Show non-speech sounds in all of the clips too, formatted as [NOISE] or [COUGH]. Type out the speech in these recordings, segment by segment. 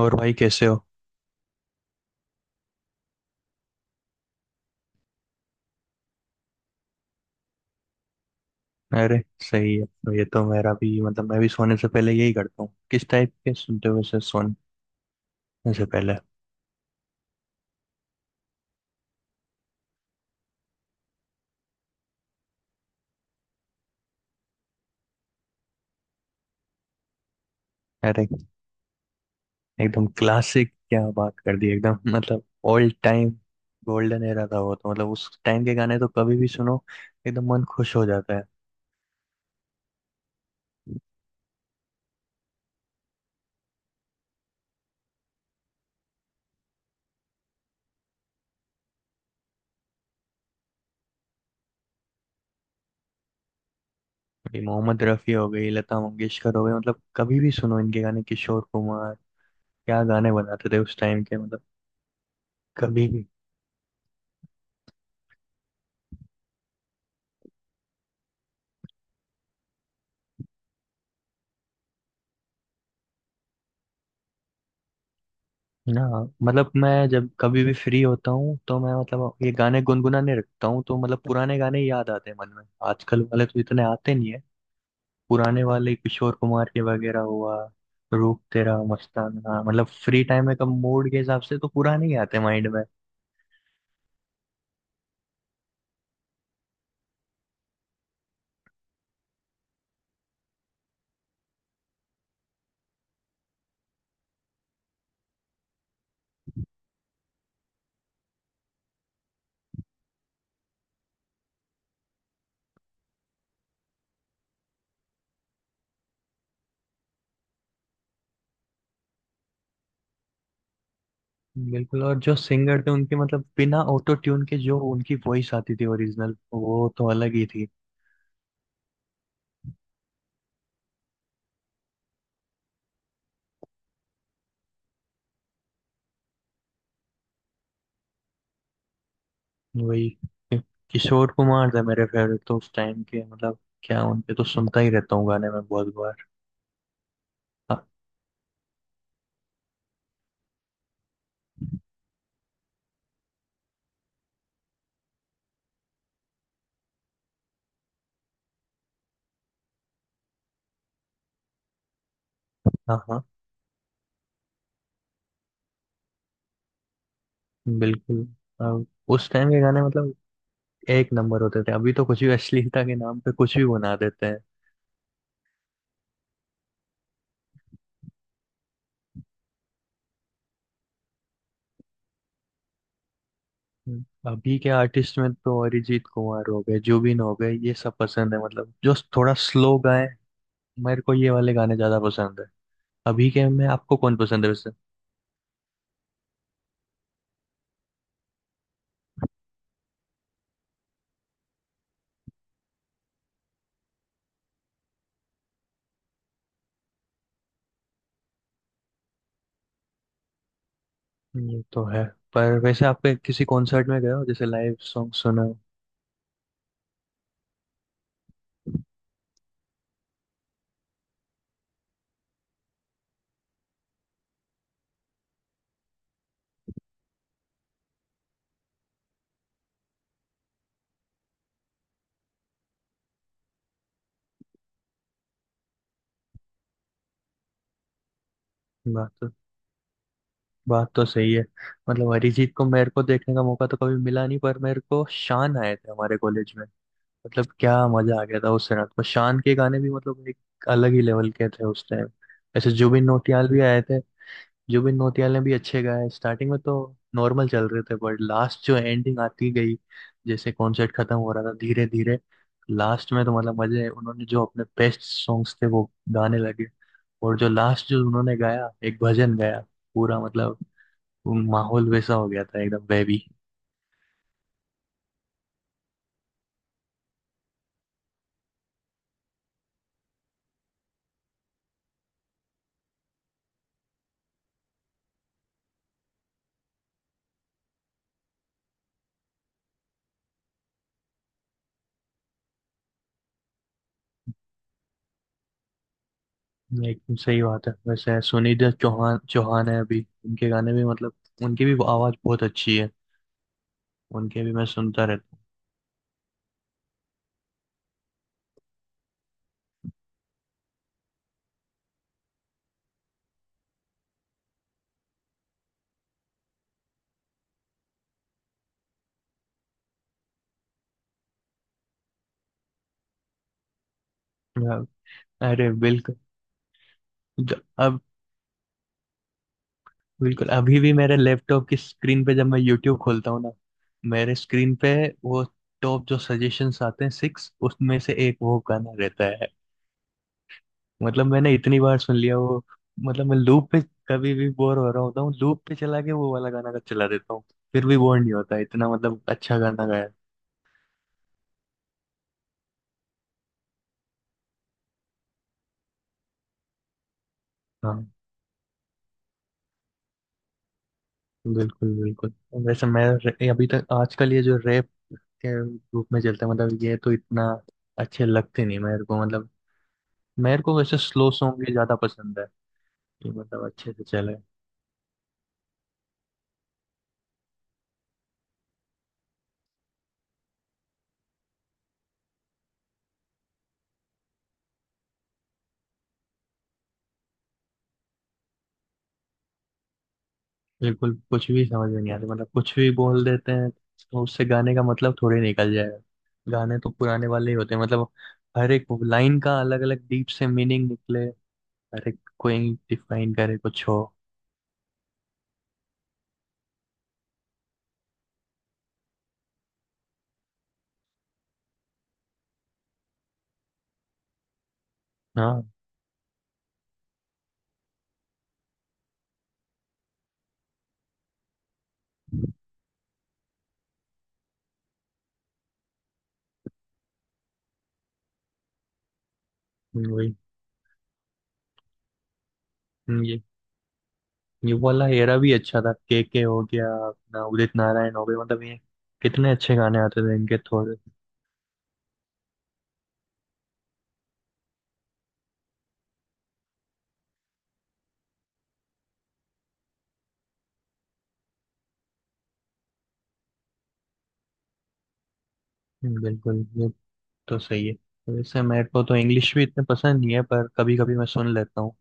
और भाई कैसे हो। अरे सही है। तो ये तो मेरा भी मतलब मैं भी सोने से पहले यही करता हूँ। किस टाइप के सुनते हो वैसे सोने से पहले? अरे एकदम क्लासिक, क्या बात कर दी एकदम, मतलब ओल्ड टाइम। गोल्डन एरा था वो तो, मतलब उस टाइम के गाने तो कभी भी सुनो, एकदम मन खुश हो जाता है। ये मोहम्मद रफ़ी हो गई, लता मंगेशकर हो गई, मतलब कभी भी सुनो इनके गाने, किशोर कुमार, क्या गाने बनाते थे उस टाइम के मतलब, कभी भी। ना, मतलब मैं जब कभी भी फ्री होता हूँ तो मैं मतलब ये गाने गुनगुनाने रखता हूँ, तो मतलब पुराने गाने ही याद आते हैं मन में। आजकल वाले तो इतने आते नहीं है। पुराने वाले किशोर कुमार के वगैरह हुआ, रूप तेरा मस्ताना, मतलब फ्री टाइम में कब मूड के हिसाब से तो पुराने ही आते हैं माइंड में। बिल्कुल। और जो सिंगर थे उनके मतलब बिना ऑटो ट्यून के जो उनकी वॉइस आती थी ओरिजिनल, वो तो अलग ही थी। वही किशोर कुमार थे मेरे फेवरेट तो उस टाइम के, मतलब क्या उनके तो सुनता ही रहता हूँ गाने में, बहुत बार। हाँ हाँ हाँ। बिल्कुल। अब उस टाइम के गाने मतलब एक नंबर होते थे, अभी तो कुछ भी अश्लीलता के नाम पे कुछ भी बना देते हैं। हम्म। अभी के आर्टिस्ट में तो अरिजीत कुमार हो गए, जुबिन हो गए, ये सब पसंद है, मतलब जो थोड़ा स्लो गाए, मेरे को ये वाले गाने ज्यादा पसंद है। अभी के में आपको कौन पसंद है वैसे? ये तो है। पर वैसे आपके किसी कॉन्सर्ट में गए हो, जैसे लाइव सॉन्ग सुना हो? बात तो बात तो सही है। मतलब अरिजीत को मेरे को देखने का मौका तो कभी मिला नहीं, पर मेरे को शान आए थे हमारे कॉलेज में, मतलब क्या मजा आ गया था उस रात को। शान के गाने भी मतलब एक अलग ही लेवल के थे उस टाइम। ऐसे जुबिन नौटियाल भी आए थे। जुबिन नौटियाल ने भी अच्छे गाए, स्टार्टिंग में तो नॉर्मल चल रहे थे, बट लास्ट जो एंडिंग आती गई, जैसे कॉन्सर्ट खत्म हो रहा था धीरे धीरे, लास्ट में तो मतलब मजे, उन्होंने जो अपने बेस्ट सॉन्ग्स थे वो गाने लगे। और जो लास्ट जो उन्होंने गाया, एक भजन गाया पूरा, मतलब वो माहौल वैसा हो गया था एकदम बेबी। एकदम सही बात है। वैसे सुनिधि चौहान चौहान है अभी, उनके गाने भी मतलब उनकी भी आवाज बहुत अच्छी है, उनके भी मैं सुनता रहता हूँ। अरे बिल्कुल। अब बिल्कुल, अभी भी मेरे लैपटॉप की स्क्रीन पे जब मैं यूट्यूब खोलता हूँ ना, मेरे स्क्रीन पे वो टॉप जो सजेशंस आते हैं सिक्स, उसमें से एक वो गाना रहता है। मतलब मैंने इतनी बार सुन लिया वो। मतलब मैं लूप पे, कभी भी बोर हो रहा होता हूँ लूप पे चला के वो वाला गाना का चला देता हूँ, फिर भी बोर नहीं होता इतना, मतलब अच्छा गाना गाया। हाँ। बिल्कुल बिल्कुल। वैसे अभी तक आजकल ये जो रैप के रूप में चलता है, मतलब ये तो इतना अच्छे लगते नहीं मेरे को। मतलब मेरे को वैसे स्लो सॉन्ग ही ज्यादा पसंद है, कि मतलब अच्छे से चले। बिल्कुल, कुछ भी समझ में नहीं आता। मतलब कुछ भी बोल देते हैं तो उससे गाने का मतलब थोड़े निकल जाएगा। गाने तो पुराने वाले ही होते हैं, मतलब हर एक लाइन का अलग अलग डीप से मीनिंग निकले, हर एक कोई डिफाइन करे, कुछ हो। हाँ वही ये ये वाला एरा भी अच्छा था, के हो गया अपना, उदित नारायण हो गए, मतलब ये कितने अच्छे गाने आते थे इनके थोड़े। बिल्कुल, ये तो सही है। वैसे मेरे को तो इंग्लिश भी इतने पसंद नहीं है, पर कभी कभी मैं सुन लेता हूँ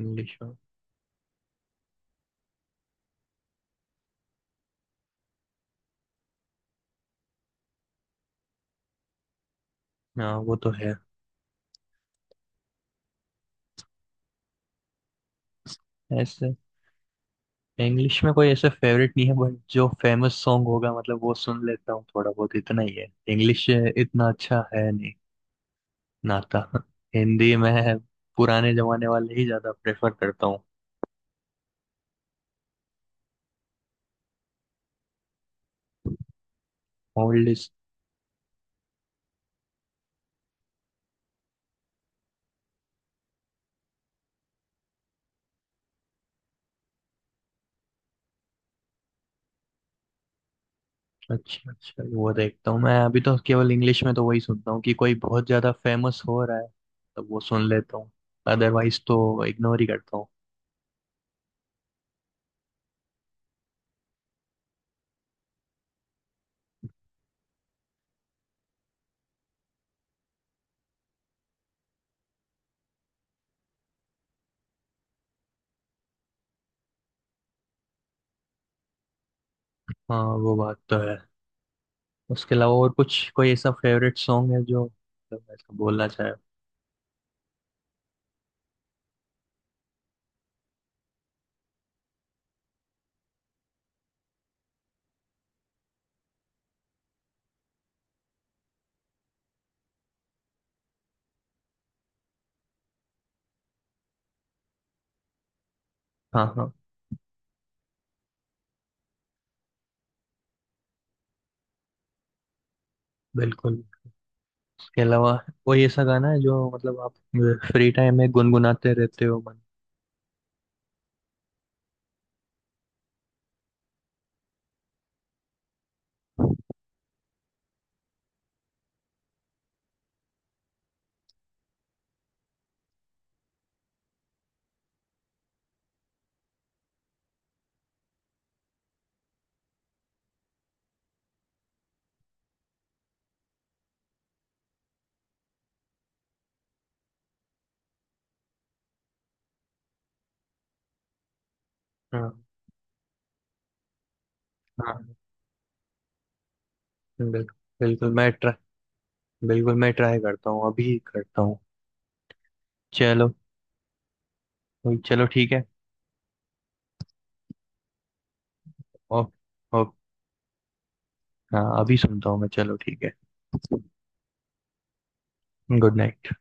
इंग्लिश में। हाँ वो तो है। ऐसे इंग्लिश में कोई ऐसे फेवरेट नहीं है, बट जो फेमस सॉन्ग होगा मतलब वो सुन लेता हूँ थोड़ा बहुत, इतना ही है। इंग्लिश इतना अच्छा है नहीं नाता [LAUGHS] हिंदी में पुराने जमाने वाले ही ज्यादा प्रेफर करता हूँ ओल्ड। अच्छा अच्छा, वो देखता हूँ मैं। अभी तो केवल इंग्लिश में तो वही सुनता हूँ कि कोई बहुत ज्यादा फेमस हो रहा है तो वो सुन लेता हूँ, अदरवाइज तो इग्नोर ही करता हूँ। हाँ वो बात तो है। उसके अलावा और कुछ कोई ऐसा फेवरेट सॉन्ग है जो मतलब ऐसा बोलना चाहे? हाँ हाँ। बिल्कुल। उसके अलावा कोई ऐसा गाना है जो मतलब आप फ्री टाइम में गुनगुनाते रहते हो मन? हाँ हाँ। बिल्कुल, बिल्कुल मैं ट्राई बिल्कुल मैं ट्राई करता हूँ, अभी करता हूँ। चलो, चलो ठीक है। ओ- ओके। हाँ अभी सुनता हूँ मैं, चलो ठीक है। Good night.